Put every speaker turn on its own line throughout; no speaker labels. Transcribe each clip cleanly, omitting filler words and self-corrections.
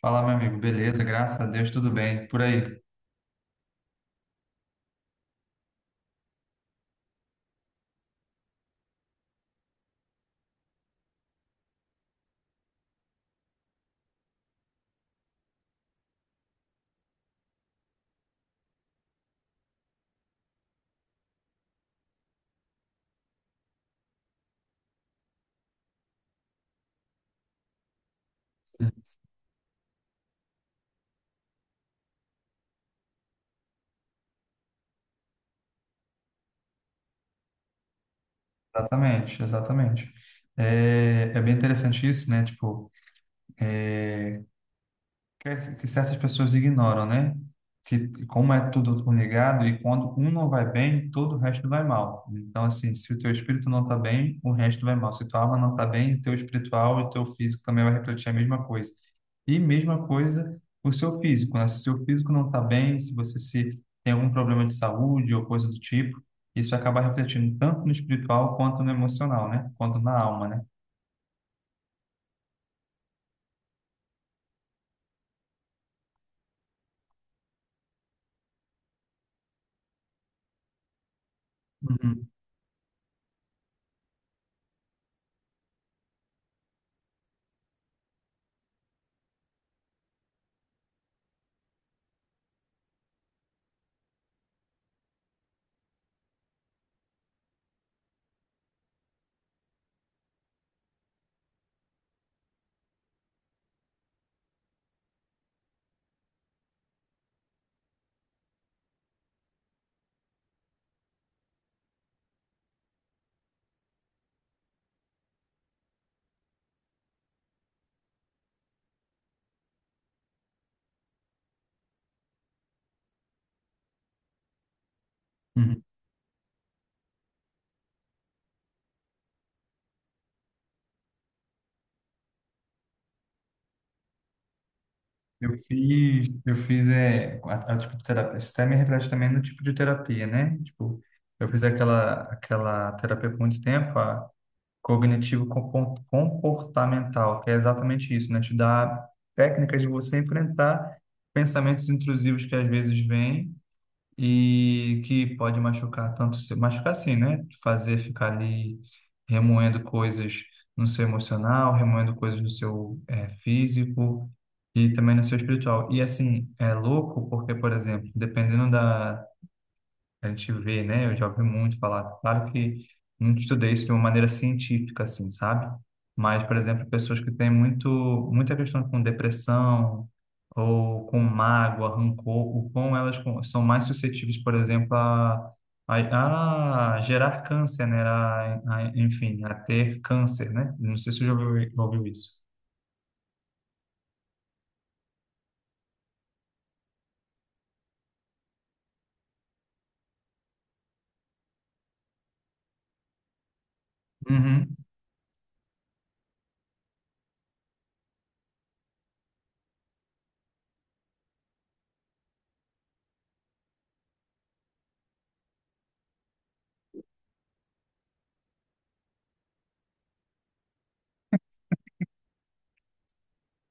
Fala, meu amigo, beleza? Graças a Deus, tudo bem. Por aí. Exatamente, exatamente. É bem interessante isso, né? Tipo, é, que certas pessoas ignoram, né? Que como é tudo ligado e quando um não vai bem, todo o resto vai mal. Então, assim, se o teu espírito não está bem, o resto vai mal. Se tua alma não está bem, o teu espiritual e o teu físico também vai refletir a mesma coisa. E mesma coisa o seu físico, né? Se o seu físico não está bem, se você se tem algum problema de saúde ou coisa do tipo, isso acaba refletindo tanto no espiritual quanto no emocional, né? Quanto na alma, né? Uhum, uhum. Eu fiz tipo, de terapia. Isso até me reflete também no tipo de terapia, né? Tipo, eu fiz aquela terapia por muito tempo, a cognitivo comportamental, que é exatamente isso, né? Te dá técnicas de você enfrentar pensamentos intrusivos que às vezes vêm e que pode machucar tanto, se machucar sim, né? Fazer ficar ali remoendo coisas no seu emocional, remoendo coisas no seu físico e também no seu espiritual. E assim, é louco porque, por exemplo, dependendo da a gente vê, né? Eu já ouvi muito falar. Claro que não estudei isso de uma maneira científica, assim, sabe? Mas, por exemplo, pessoas que têm muito, muita questão com depressão ou com mágoa, rancor, o quão elas são mais suscetíveis, por exemplo, a, a gerar câncer, né? Enfim, a ter câncer, né? Não sei se você já ouviu isso. Uhum,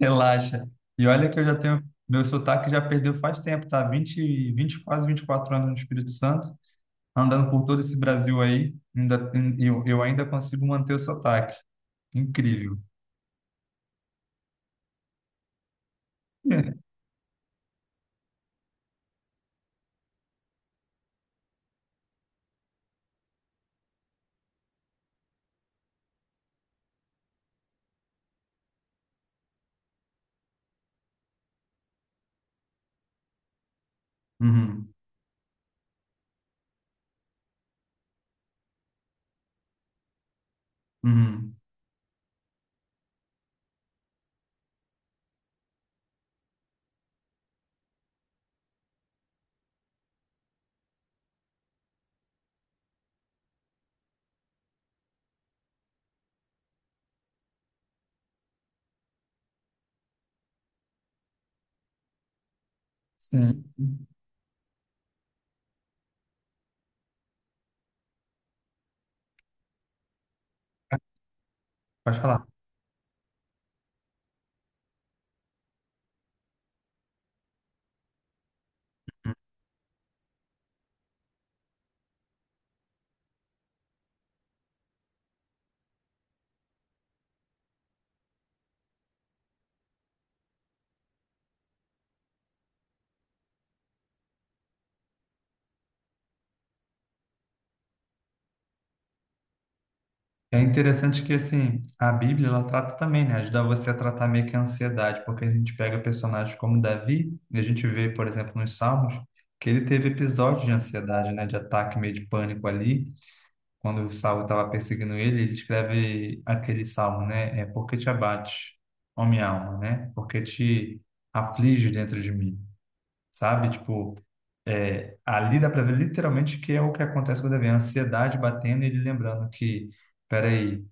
relaxa. E olha que eu já tenho. Meu sotaque já perdeu faz tempo, tá? 20, 20 quase 24 anos no Espírito Santo, andando por todo esse Brasil aí, ainda, eu ainda consigo manter o sotaque. Incrível. Uhum, uhum. Sim. Pode falar. É interessante que, assim, a Bíblia, ela trata também, né? Ajuda você a tratar meio que a ansiedade, porque a gente pega personagens como Davi, e a gente vê, por exemplo, nos Salmos, que ele teve episódios de ansiedade, né? De ataque, meio de pânico ali, quando o Saul estava perseguindo ele, ele escreve aquele salmo, né? É porque te abate, ó minha alma, né? Porque te aflige dentro de mim, sabe? Tipo, ali dá para ver literalmente que é o que acontece com o Davi, a ansiedade batendo e ele lembrando que, peraí,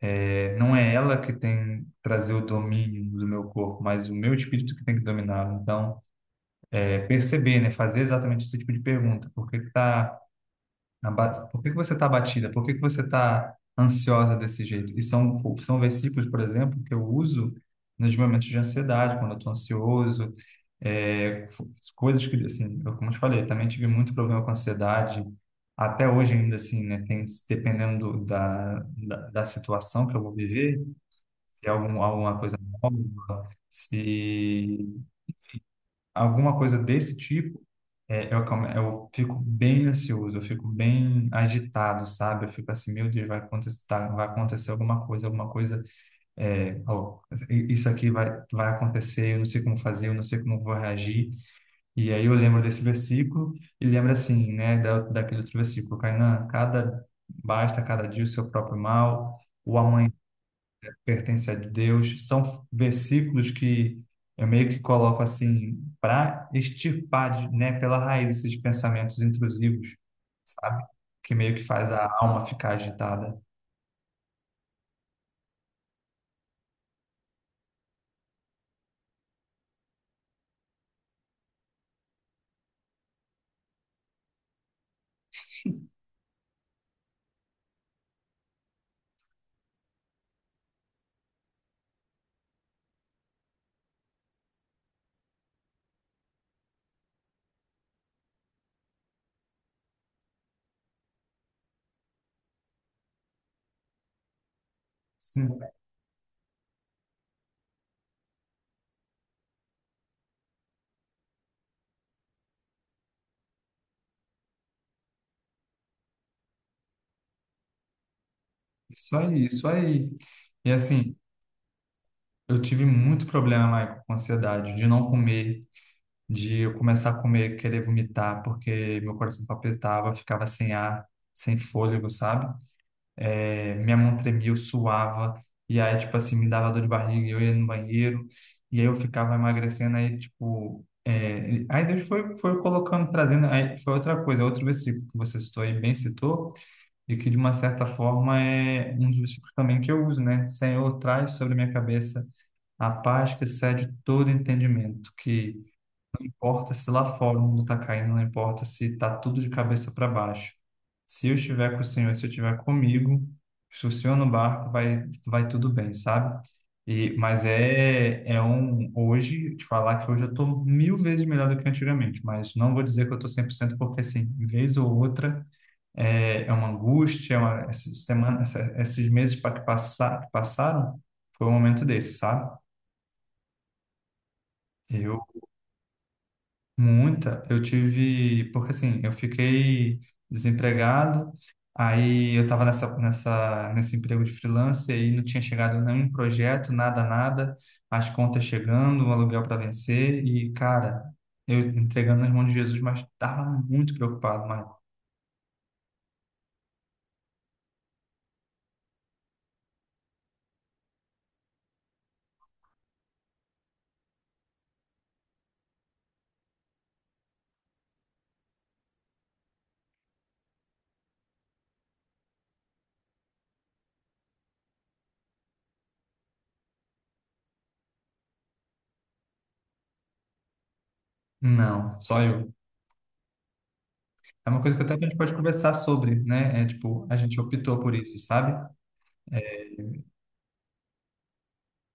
não é ela que tem trazer o domínio do meu corpo, mas o meu espírito que tem que dominar. Então, perceber, né? Fazer exatamente esse tipo de pergunta: por que que você está abatida? Por que que você está ansiosa desse jeito? E são versículos, por exemplo, que eu uso nos momentos de ansiedade, quando eu estou ansioso. é, fo- Coisas que, assim, como eu te falei, também tive muito problema com ansiedade, até hoje ainda assim, né, tem, dependendo da, da situação que eu vou viver, se é alguma coisa nova, se alguma coisa desse tipo, eu fico bem ansioso, eu fico bem agitado, sabe? Eu fico assim, meu Deus, vai acontecer, tá, vai acontecer alguma coisa, é, ó, isso aqui vai, acontecer, eu não sei como fazer, eu não sei como vou reagir. E aí eu lembro desse versículo e lembro assim, né, daquele outro versículo, Kainan: basta cada dia o seu próprio mal, o amanhã pertence a Deus. São versículos que eu meio que coloco assim para extirpar, né, pela raiz esses pensamentos intrusivos, sabe? Que meio que faz a alma ficar agitada. Sim, isso aí, isso aí. E assim, eu tive muito problema, Maicon, com ansiedade, de não comer, de eu começar a comer, querer vomitar, porque meu coração palpitava, eu ficava sem ar, sem fôlego, sabe? Minha mão tremia, eu suava, e aí, tipo assim, me dava dor de barriga, e eu ia no banheiro, e aí eu ficava emagrecendo. Aí, tipo, aí Deus foi, colocando, trazendo. Aí foi outra coisa, outro versículo que você citou aí, bem citou, e que de uma certa forma é um dos versículos também que eu uso, né? Senhor, traz sobre a minha cabeça a paz que excede todo entendimento, que importa se lá fora o mundo tá caindo, não importa se tá tudo de cabeça para baixo. Se eu estiver com o Senhor, se eu estiver comigo, se o Senhor no barco, vai, tudo bem, sabe? E mas é um. Hoje, te falar que hoje eu tô mil vezes melhor do que antigamente, mas não vou dizer que eu tô 100%, porque assim, vez ou outra, é uma angústia, essa semana, esses meses que passaram, foi um momento desse, sabe? Eu Muita. Eu tive, porque assim, eu fiquei desempregado, aí eu estava nesse emprego de freelance, aí não tinha chegado nenhum projeto, nada, nada, as contas chegando, o aluguel para vencer, e cara, eu entregando nas mãos de Jesus, mas estava muito preocupado, mano. Não, só eu. É uma coisa que até a gente pode conversar sobre, né? É, tipo, a gente optou por isso, sabe?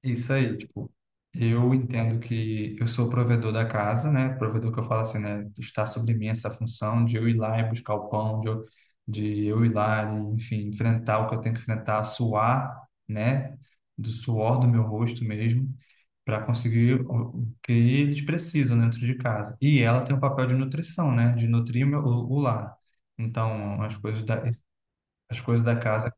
Isso aí, tipo, eu entendo que eu sou o provedor da casa, né? Provedor que eu falo assim, né? Está sobre mim essa função de eu ir lá e buscar o pão, de eu ir lá e, enfim, enfrentar o que eu tenho que enfrentar, suar, né? Do suor do meu rosto mesmo, para conseguir o que eles precisam dentro de casa. E ela tem o papel de nutrição, né? De nutrir o lar. Então, as coisas da casa.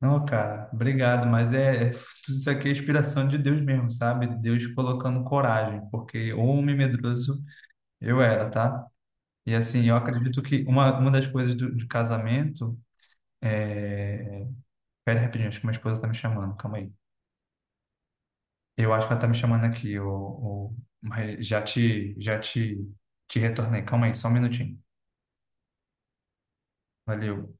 Não, cara, obrigado, mas tudo isso aqui é inspiração de Deus mesmo, sabe? Deus colocando coragem, porque homem medroso eu era, tá? E assim, eu acredito que uma das coisas de casamento é... Pera rapidinho, acho que minha esposa tá me chamando, calma aí. Eu acho que ela tá me chamando aqui, mas já te retornei, calma aí, só um minutinho. Valeu.